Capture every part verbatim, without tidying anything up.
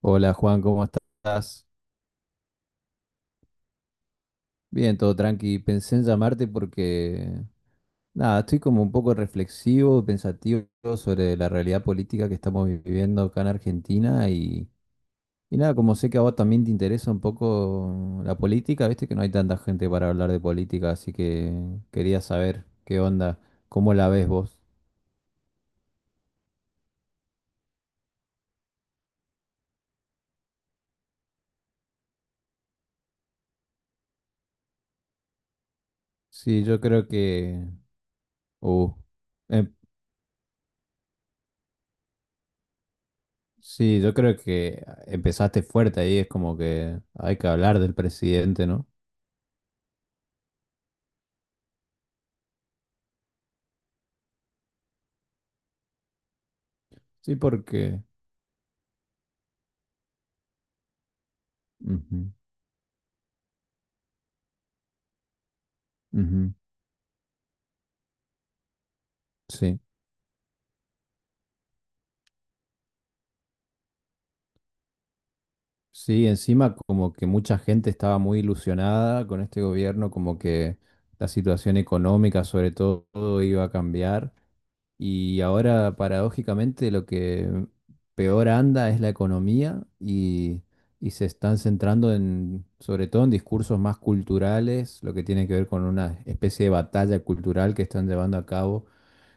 Hola Juan, ¿cómo estás? Bien, todo tranqui. Pensé en llamarte porque, nada, estoy como un poco reflexivo, pensativo sobre la realidad política que estamos viviendo acá en Argentina y, y nada, como sé que a vos también te interesa un poco la política, viste que no hay tanta gente para hablar de política, así que quería saber qué onda, cómo la ves vos. Sí, yo creo que... uh, em- sí, yo creo que empezaste fuerte ahí, es como que hay que hablar del presidente, ¿no? Sí, porque... ujú, ujú, sí, sí, encima como que mucha gente estaba muy ilusionada con este gobierno, como que la situación económica sobre todo iba a cambiar y ahora paradójicamente lo que peor anda es la economía y, y se están centrando en, sobre todo en discursos más culturales, lo que tiene que ver con una especie de batalla cultural que están llevando a cabo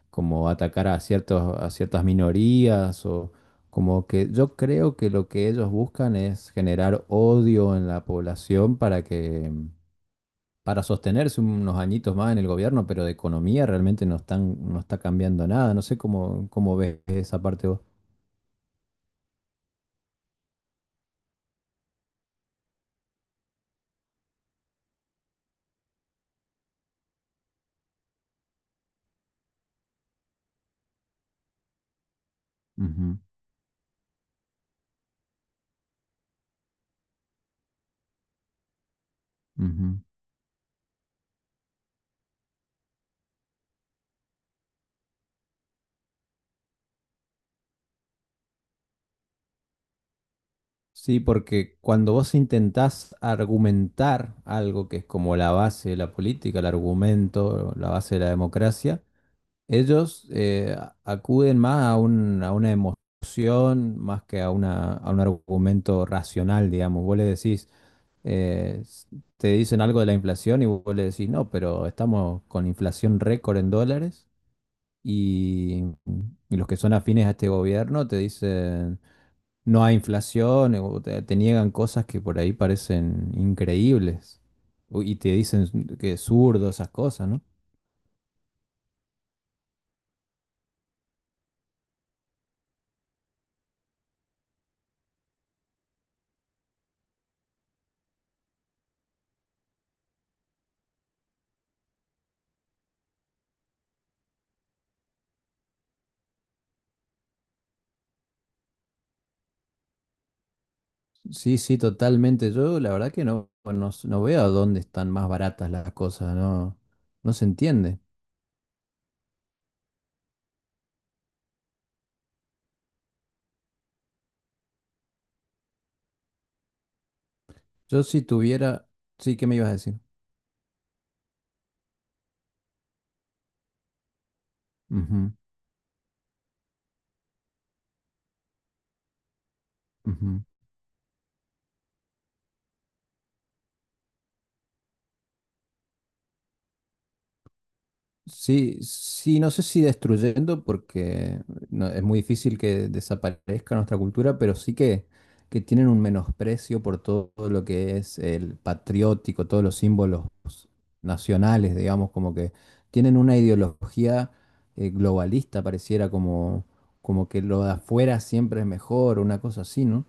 como atacar a ciertos, a ciertas minorías o como que yo creo que lo que ellos buscan es generar odio en la población para que para sostenerse unos añitos más en el gobierno, pero de economía realmente no están, no está cambiando nada. No sé cómo, cómo ves esa parte vos. Ujú, ujú. Sí, porque cuando vos intentás argumentar algo que es como la base de la política, el argumento, la base de la democracia, ellos eh, acuden más a un- a una emoción, más que a una, a un argumento racional, digamos. Vos le decís, eh, s- te dicen algo de la inflación y vos le decís, no, pero estamos con inflación récord en dólares y, y los que son afines a este gobierno te dicen, no hay inflación, eh, o te, te niegan cosas que por ahí parecen increíbles U- y te dicen que es zurdo esas cosas, ¿no? Sí, sí, totalmente. Yo la verdad que no, no, s- no veo a dónde están más baratas las cosas, no, no se entiende. Yo si tuviera, sí, ¿qué me ibas a decir? Ujú, ujú. Sí, sí, no sé si destruyendo, porque no- es muy difícil que desaparezca nuestra cultura, pero sí que, que tienen un menosprecio por todo lo que es el patriótico, todos los símbolos nacionales, digamos, como que tienen una ideología eh, globalista, pareciera como, como que lo de afuera siempre es mejor, una cosa así, ¿no?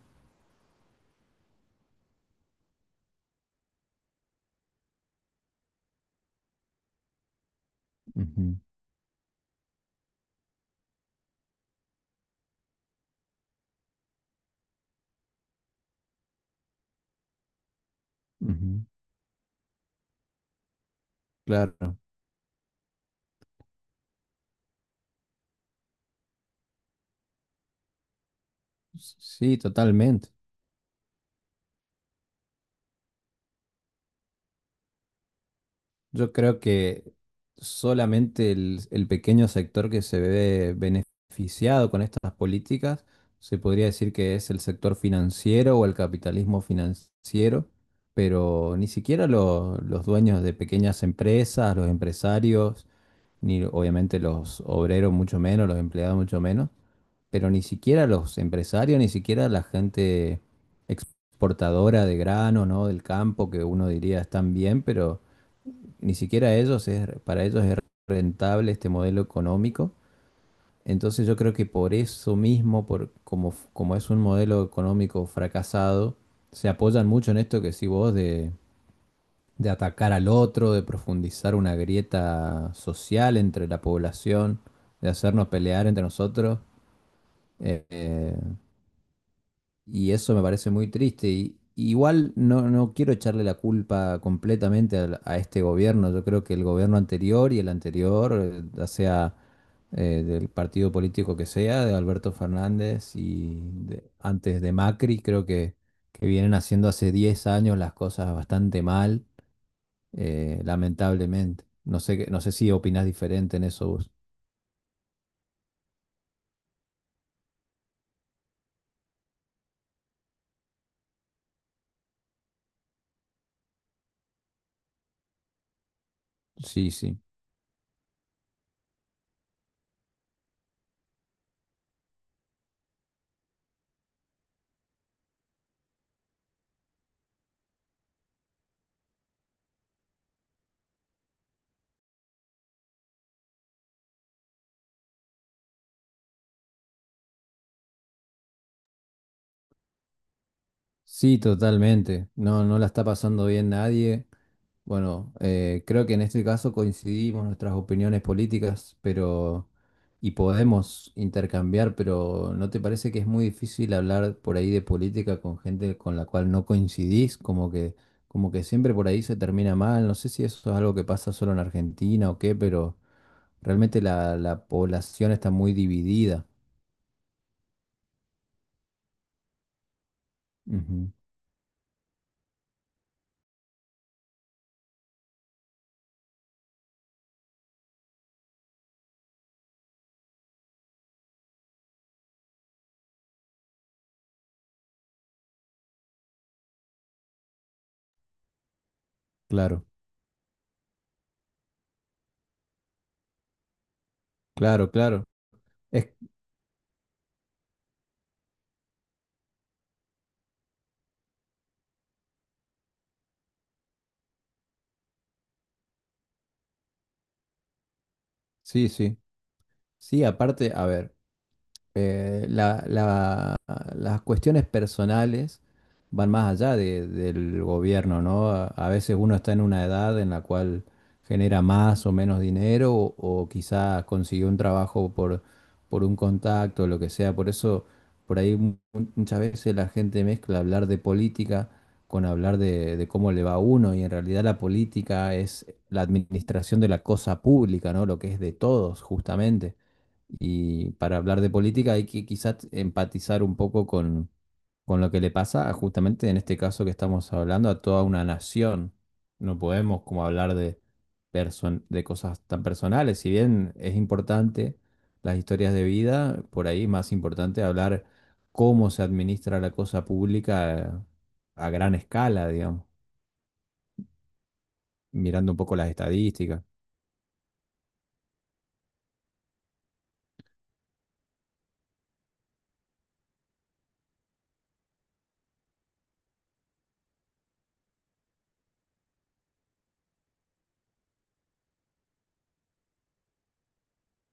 Ujú, ujú, claro, sí, totalmente. Yo creo que solamente el, el pequeño sector que se ve beneficiado con estas políticas se podría decir que es el sector financiero o el capitalismo financiero, pero ni siquiera lo- los dueños de pequeñas empresas, los empresarios, ni obviamente los obreros mucho menos, los empleados mucho menos, pero ni siquiera los empresarios, ni siquiera la gente exportadora de grano, ¿no? Del campo, que uno diría están bien, pero ni siquiera ellos es, para ellos es rentable este modelo económico. Entonces yo creo que por eso mismo, por, como, como es un modelo económico fracasado, se apoyan mucho en esto que sí vos de, de atacar al otro, de profundizar una grieta social entre la población, de hacernos pelear entre nosotros. Eh, eh, Y eso me parece muy triste. Y, igual no, no quiero echarle la culpa completamente al- a, este gobierno. Yo creo que el gobierno anterior y el anterior, eh, ya sea eh, del partido político que sea, de Alberto Fernández y de- antes de Macri, creo que, que vienen haciendo hace diez años las cosas bastante mal, eh, lamentablemente. No sé, qué- no sé si opinás diferente en eso vos. Sí, sí. Sí, totalmente. No, no la está pasando bien nadie. Bueno, eh, creo que en este caso coincidimos nuestras opiniones políticas, pero y podemos intercambiar, pero ¿no te parece que es muy difícil hablar por ahí de política con gente con la cual no coincidís? Como que, como que siempre por ahí se termina mal. No sé si eso es algo que pasa solo en Argentina o qué, pero realmente la, la población está muy dividida. Ujú, claro, claro, claro. Es, sí, sí. Sí, aparte, a ver, eh, la- la- las cuestiones personales van más allá de- del gobierno, ¿no? A, a veces uno está en una edad en la cual genera más o menos dinero o, o quizá consiguió un trabajo por, por un contacto, lo que sea. Por eso, por ahí mu- muchas veces la gente mezcla hablar de política con hablar de, de cómo le va a uno y en realidad la política es la administración de la cosa pública, ¿no? Lo que es de todos, justamente. Y para hablar de política hay que quizás empatizar un poco con, con lo que le pasa a, justamente en este caso que estamos hablando a toda una nación. No podemos como hablar de, person- de cosas tan personales. Si bien es importante las historias de vida, por ahí es más importante hablar cómo se administra la cosa pública a, a gran escala, digamos, mirando un poco las estadísticas.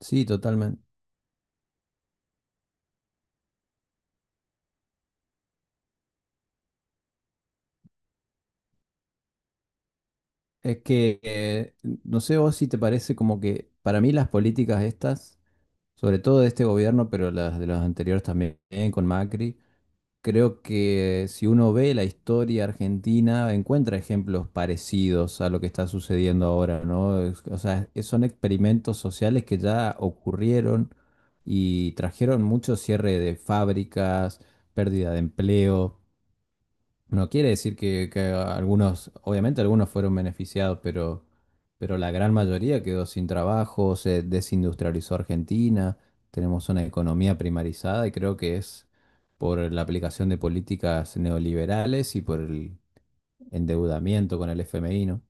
Sí, totalmente. Es que, eh, no sé vos si te parece como que para mí las políticas estas, sobre todo de este gobierno, pero las de los anteriores también, con Macri, creo que si uno ve la historia argentina, encuentra ejemplos parecidos a lo que está sucediendo ahora, ¿no? Es- O sea, es- son experimentos sociales que ya ocurrieron y trajeron mucho cierre de fábricas, pérdida de empleo. No quiere decir que, que algunos, obviamente algunos fueron beneficiados, pero, pero la gran mayoría quedó sin trabajo, se desindustrializó Argentina, tenemos una economía primarizada y creo que es por la aplicación de políticas neoliberales y por el endeudamiento con el F M I, ¿no?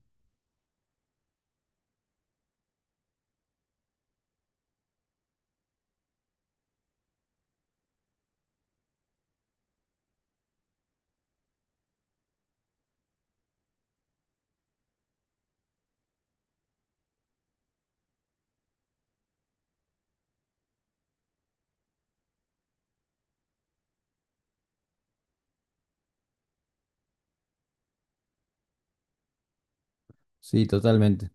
Sí, totalmente.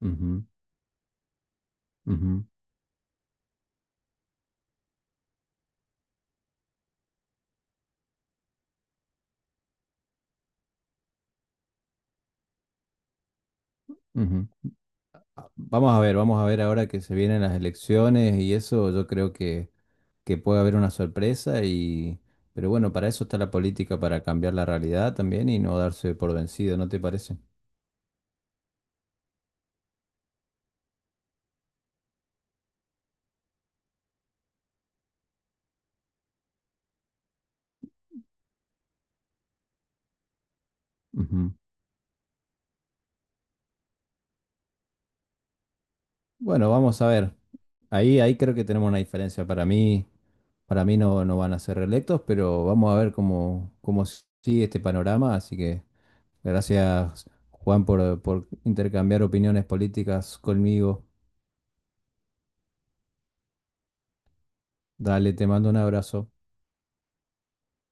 Ujú, ujú, ujú. Vamos a ver, vamos a ver ahora que se vienen las elecciones y eso, yo creo que, que puede haber una sorpresa y, pero bueno, para eso está la política, para cambiar la realidad también y no darse por vencido, ¿no te parece? Ujú. Bueno, vamos a ver. Ahí, ahí creo que tenemos una diferencia. Para mí, para mí no, no van a ser reelectos, pero vamos a ver cómo, cómo sigue este panorama. Así que gracias, Juan, por, por intercambiar opiniones políticas conmigo. Dale, te mando un abrazo.